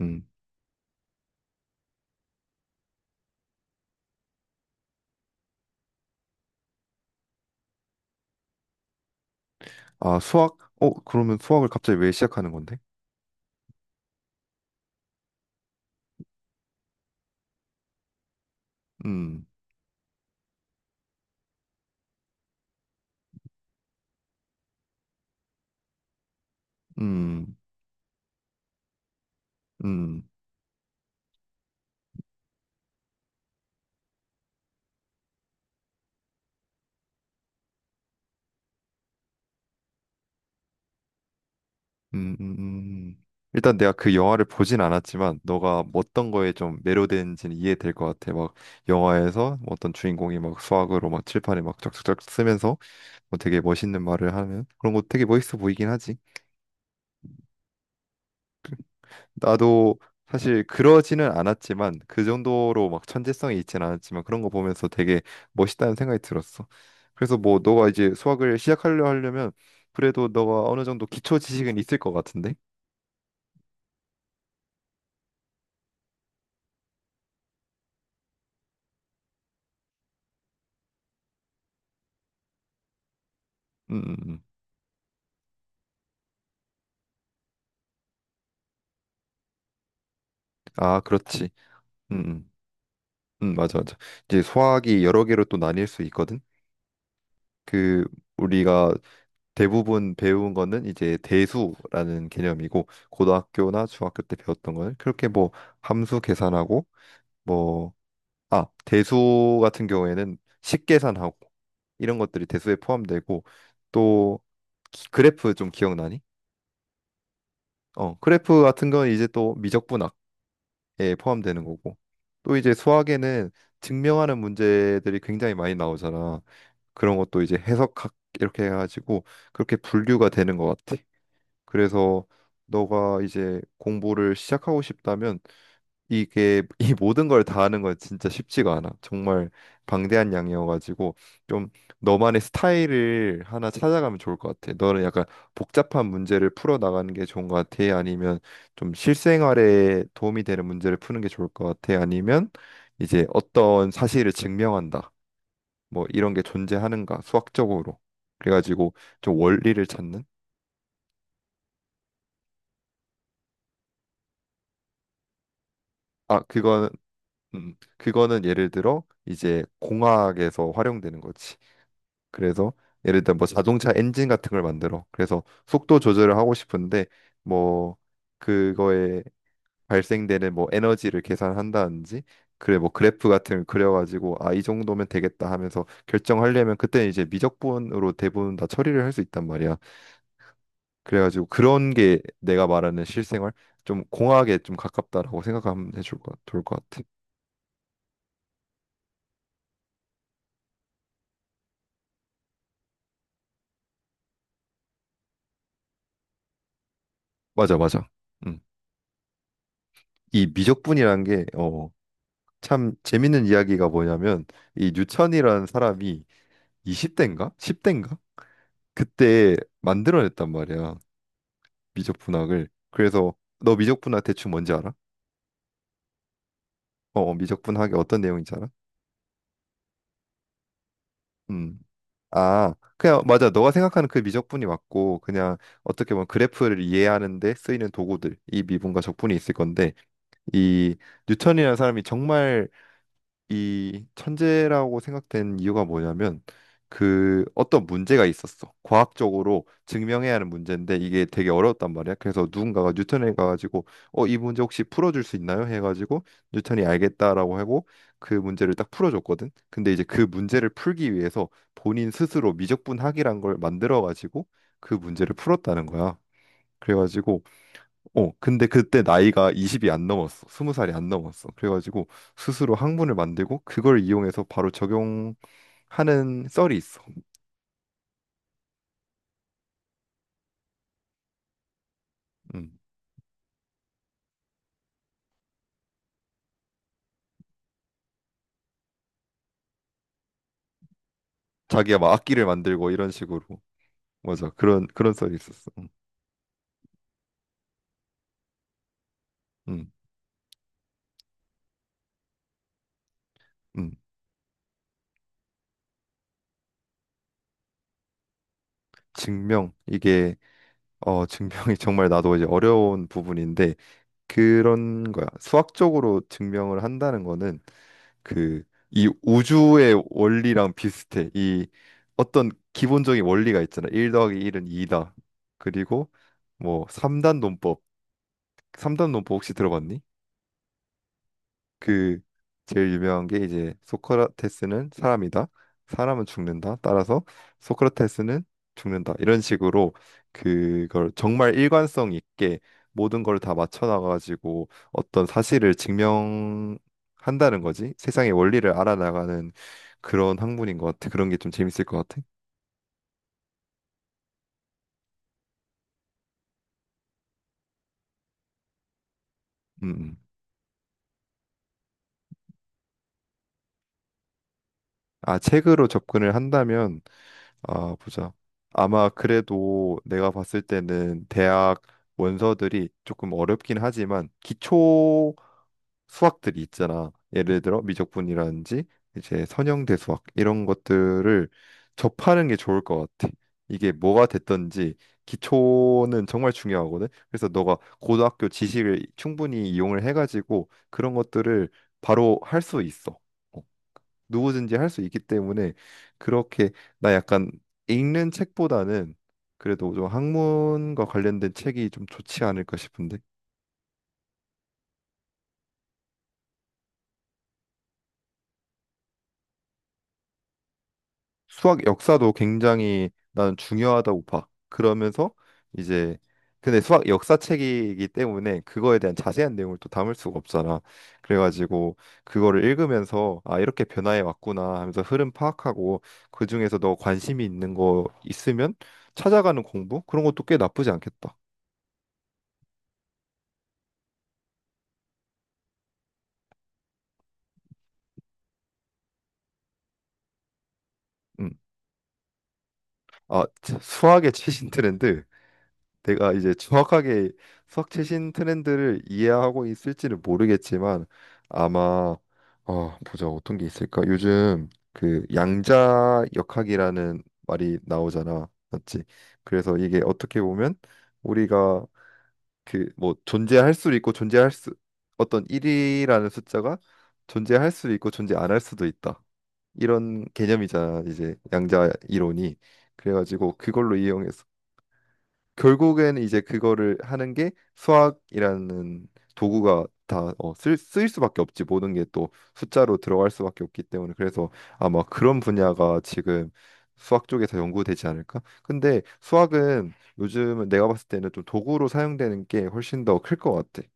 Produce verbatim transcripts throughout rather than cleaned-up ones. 음. 아, 수학? 어, 그러면 수학을 갑자기 왜 시작하는 건데? 음, 음, 음, 음, 음. 음. 일단 내가 그 영화를 보진 않았지만 너가 뭐 어떤 거에 좀 매료되는지는 이해될 것 같아. 막 영화에서 뭐 어떤 주인공이 막 수학으로 막 칠판에 막 쫙쫙쫙 쓰면서 뭐 되게 멋있는 말을 하면 그런 거 되게 멋있어 보이긴 하지. 나도 사실 그러지는 않았지만 그 정도로 막 천재성이 있진 않았지만 그런 거 보면서 되게 멋있다는 생각이 들었어. 그래서 뭐 너가 이제 수학을 시작하려 하려면 그래도 너가 어느 정도 기초 지식은 있을 것 같은데. 음, 음, 음. 아, 그렇지. 음, 음, 음, 맞아, 맞아. 이제 수학이 여러 개로 또 나뉠 수 있거든. 그 우리가 대부분 배운 거는 이제 대수라는 개념이고 고등학교나 중학교 때 배웠던 거는 그렇게 뭐 함수 계산하고 뭐 아, 대수 같은 경우에는 식계산하고 이런 것들이 대수에 포함되고 또 기- 그래프 좀 기억나니? 어, 그래프 같은 건 이제 또 미적분학에 포함되는 거고 또 이제 수학에는 증명하는 문제들이 굉장히 많이 나오잖아. 그런 것도 이제 해석학 이렇게 해가지고 그렇게 분류가 되는 것 같아. 그래서 너가 이제 공부를 시작하고 싶다면 이게 이 모든 걸 다 하는 건 진짜 쉽지가 않아. 정말 방대한 양이어가지고 좀 너만의 스타일을 하나 찾아가면 좋을 것 같아. 너는 약간 복잡한 문제를 풀어 나가는 게 좋은 것 같아. 아니면 좀 실생활에 도움이 되는 문제를 푸는 게 좋을 것 같아. 아니면 이제 어떤 사실을 증명한다. 뭐 이런 게 존재하는가 수학적으로. 그래가지고 좀 원리를 찾는. 아 그건 음 그거는 예를 들어 이제 공학에서 활용되는 거지. 그래서 예를 들어 뭐 자동차 엔진 같은 걸 만들어. 그래서 속도 조절을 하고 싶은데 뭐 그거에 발생되는 뭐 에너지를 계산한다든지 그래 뭐 그래프 같은 걸 그려가지고 아 이 정도면 되겠다 하면서 결정하려면 그때 이제 미적분으로 대부분 다 처리를 할 수 있단 말이야. 그래가지고 그런 게 내가 말하는 실생활 좀 공학에 좀 가깝다라고 생각하면 해줄 것 좋을 것 같아. 맞아 맞아. 음. 이 미적분이라는 게어 참 재밌는 이야기가 뭐냐면 이 뉴천이라는 사람이 이십 대인가? 십 대인가? 그때 만들어냈단 말이야. 미적분학을. 그래서 너 미적분학 대충 뭔지 알아? 어, 어, 미적분학이 어떤 내용인지 알아? 음. 아, 그냥 맞아. 너가 생각하는 그 미적분이 맞고 그냥 어떻게 보면 그래프를 이해하는 데 쓰이는 도구들, 이 미분과 적분이 있을 건데 이 뉴턴이라는 사람이 정말 이 천재라고 생각된 이유가 뭐냐면 그 어떤 문제가 있었어. 과학적으로 증명해야 하는 문제인데 이게 되게 어려웠단 말이야. 그래서 누군가가 뉴턴에 가가지고 어, 이 문제 혹시 풀어줄 수 있나요? 해가지고 뉴턴이 알겠다라고 하고 그 문제를 딱 풀어줬거든. 근데 이제 그 문제를 풀기 위해서 본인 스스로 미적분학이란 걸 만들어가지고 그 문제를 풀었다는 거야. 그래가지고 어, 근데 그때 나이가 이십이 안 넘었어. 스무 살이 안 넘었어. 그래가지고 스스로 학문을 만들고 그걸 이용해서 바로 적용하는 썰이 있어. 음. 자기가 막 악기를 만들고 이런 식으로. 맞아. 그런 그런 썰이 있었어. 음. 음. 음. 증명 이게 어 증명이 정말 나도 이제 어려운 부분인데 그런 거야. 수학적으로 증명을 한다는 거는 그 이 우주의 원리랑 비슷해. 이 어떤 기본적인 원리가 있잖아. 일 더하기 일은 이다. 그리고 뭐 삼 단 논법. 삼 단 논법 혹시 들어봤니? 그 제일 유명한 게 이제 소크라테스는 사람이다. 사람은 죽는다. 따라서 소크라테스는 죽는다. 이런 식으로 그걸 정말 일관성 있게 모든 걸 다 맞춰 나가지고 어떤 사실을 증명한다는 거지. 세상의 원리를 알아나가는 그런 학문인 것 같아. 그런 게 좀 재밌을 것 같아. 음. 음. 아, 책으로 접근을 한다면 아, 보자. 아마 그래도 내가 봤을 때는 대학 원서들이 조금 어렵긴 하지만 기초 수학들이 있잖아. 예를 들어 미적분이라든지 이제 선형대 수학 이런 것들을 접하는 게 좋을 것 같아. 이게 뭐가 됐든지 기초는 정말 중요하거든. 그래서 너가 고등학교 지식을 충분히 이용을 해가지고 그런 것들을 바로 할 수 있어. 누구든지 할 수 있기 때문에 그렇게 나 약간 읽는 책보다는 그래도 좀 학문과 관련된 책이 좀 좋지 않을까 싶은데 수학 역사도 굉장히 나는 중요하다고 봐. 그러면서 이제 근데 수학 역사 책이기 때문에 그거에 대한 자세한 내용을 또 담을 수가 없잖아. 그래가지고 그거를 읽으면서 아 이렇게 변화해 왔구나 하면서 흐름 파악하고 그 중에서 너 관심이 있는 거 있으면 찾아가는 공부 그런 것도 꽤 나쁘지 않겠다. 음. 아, 참, 수학의 최신 트렌드. 내가 이제 정확하게 수학 최신 트렌드를 이해하고 있을지는 모르겠지만 아마 어, 보자. 어떤 게 있을까? 요즘 그 양자 역학이라는 말이 나오잖아. 맞지? 그래서 이게 어떻게 보면 우리가 그 뭐 존재할 수도 있고 존재할 수 어떤 일이라는 숫자가 존재할 수도 있고 존재 안 할 수도 있다. 이런 개념이잖아. 이제 양자 이론이. 그래가지고 그걸로 이용해 결국엔 이제 그거를 하는 게 수학이라는 도구가 다 어, 쓸, 쓰일 수밖에 없지 모든 게 또 숫자로 들어갈 수밖에 없기 때문에 그래서 아마 그런 분야가 지금 수학 쪽에서 연구되지 않을까? 근데 수학은 요즘 내가 봤을 때는 좀 도구로 사용되는 게 훨씬 더 클 것 같아.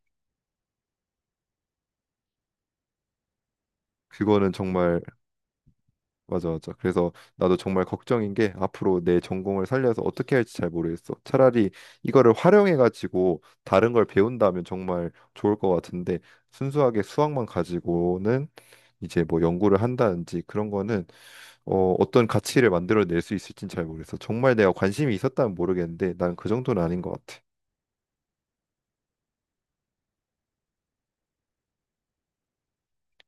그거는 정말 맞아, 맞아. 그래서 나도 정말 걱정인 게 앞으로 내 전공을 살려서 어떻게 할지 잘 모르겠어. 차라리 이거를 활용해가지고 다른 걸 배운다면 정말 좋을 것 같은데 순수하게 수학만 가지고는 이제 뭐 연구를 한다든지 그런 거는 어, 어떤 가치를 만들어낼 수 있을진 잘 모르겠어. 정말 내가 관심이 있었다면 모르겠는데 난 그 정도는 아닌 것 같아.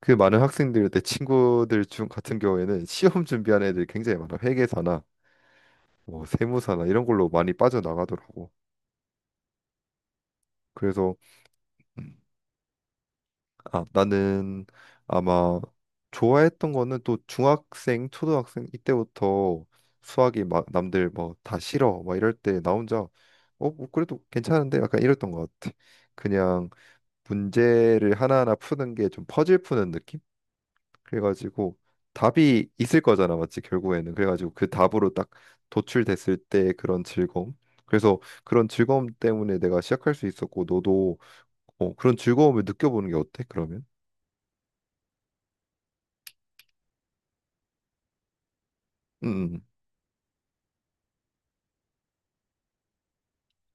그 많은 학생들, 내 친구들 중 같은 경우에는 시험 준비하는 애들이 굉장히 많아. 회계사나 뭐 세무사나 이런 걸로 많이 빠져나가더라고. 그래서 음, 아, 나는 아마 좋아했던 거는 또 중학생, 초등학생 이때부터 수학이 막 남들 뭐 다 싫어 막 이럴 때 나 혼자 어, 뭐 그래도 괜찮은데 약간 이랬던 것 같아. 그냥 문제를 하나하나 푸는 게 좀 퍼즐 푸는 느낌? 그래가지고 답이 있을 거잖아, 맞지? 결국에는. 그래가지고 그 답으로 딱 도출됐을 때 그런 즐거움. 그래서 그런 즐거움 때문에 내가 시작할 수 있었고 너도 어, 그런 즐거움을 느껴보는 게 어때? 그러면? 음. 음, 음.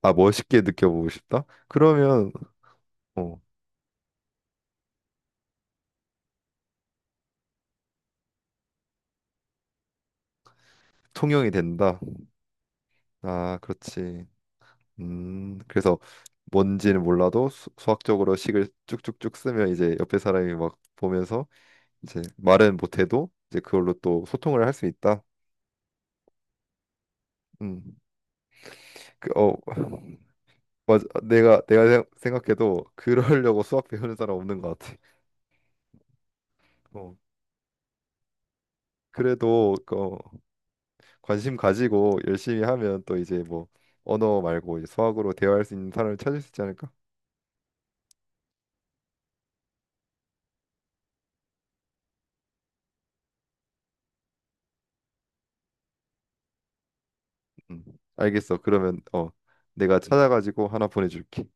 아, 멋있게 느껴보고 싶다? 그러면, 어, 통영이 된다. 아, 그렇지. 음, 그래서 뭔지는 몰라도 수, 수학적으로 식을 쭉쭉쭉 쓰면 이제 옆에 사람이 막 보면서 이제 말은 못해도 이제 그걸로 또 소통을 할 수 있다. 음, 그, 어, 맞아. 내가, 내가 생- 생각해도 그러려고 수학 배우는 사람 없는 것 같아. 어, 그래도, 그, 어, 관심 가지고 열심히 하면 또 이제 뭐, 언어 말고 이제 수학으로 대화할 수 있는 사람을 찾을 수 있지 않을까? 음, 알겠어. 그러면 어, 내가 찾아가지고 하나 보내줄게.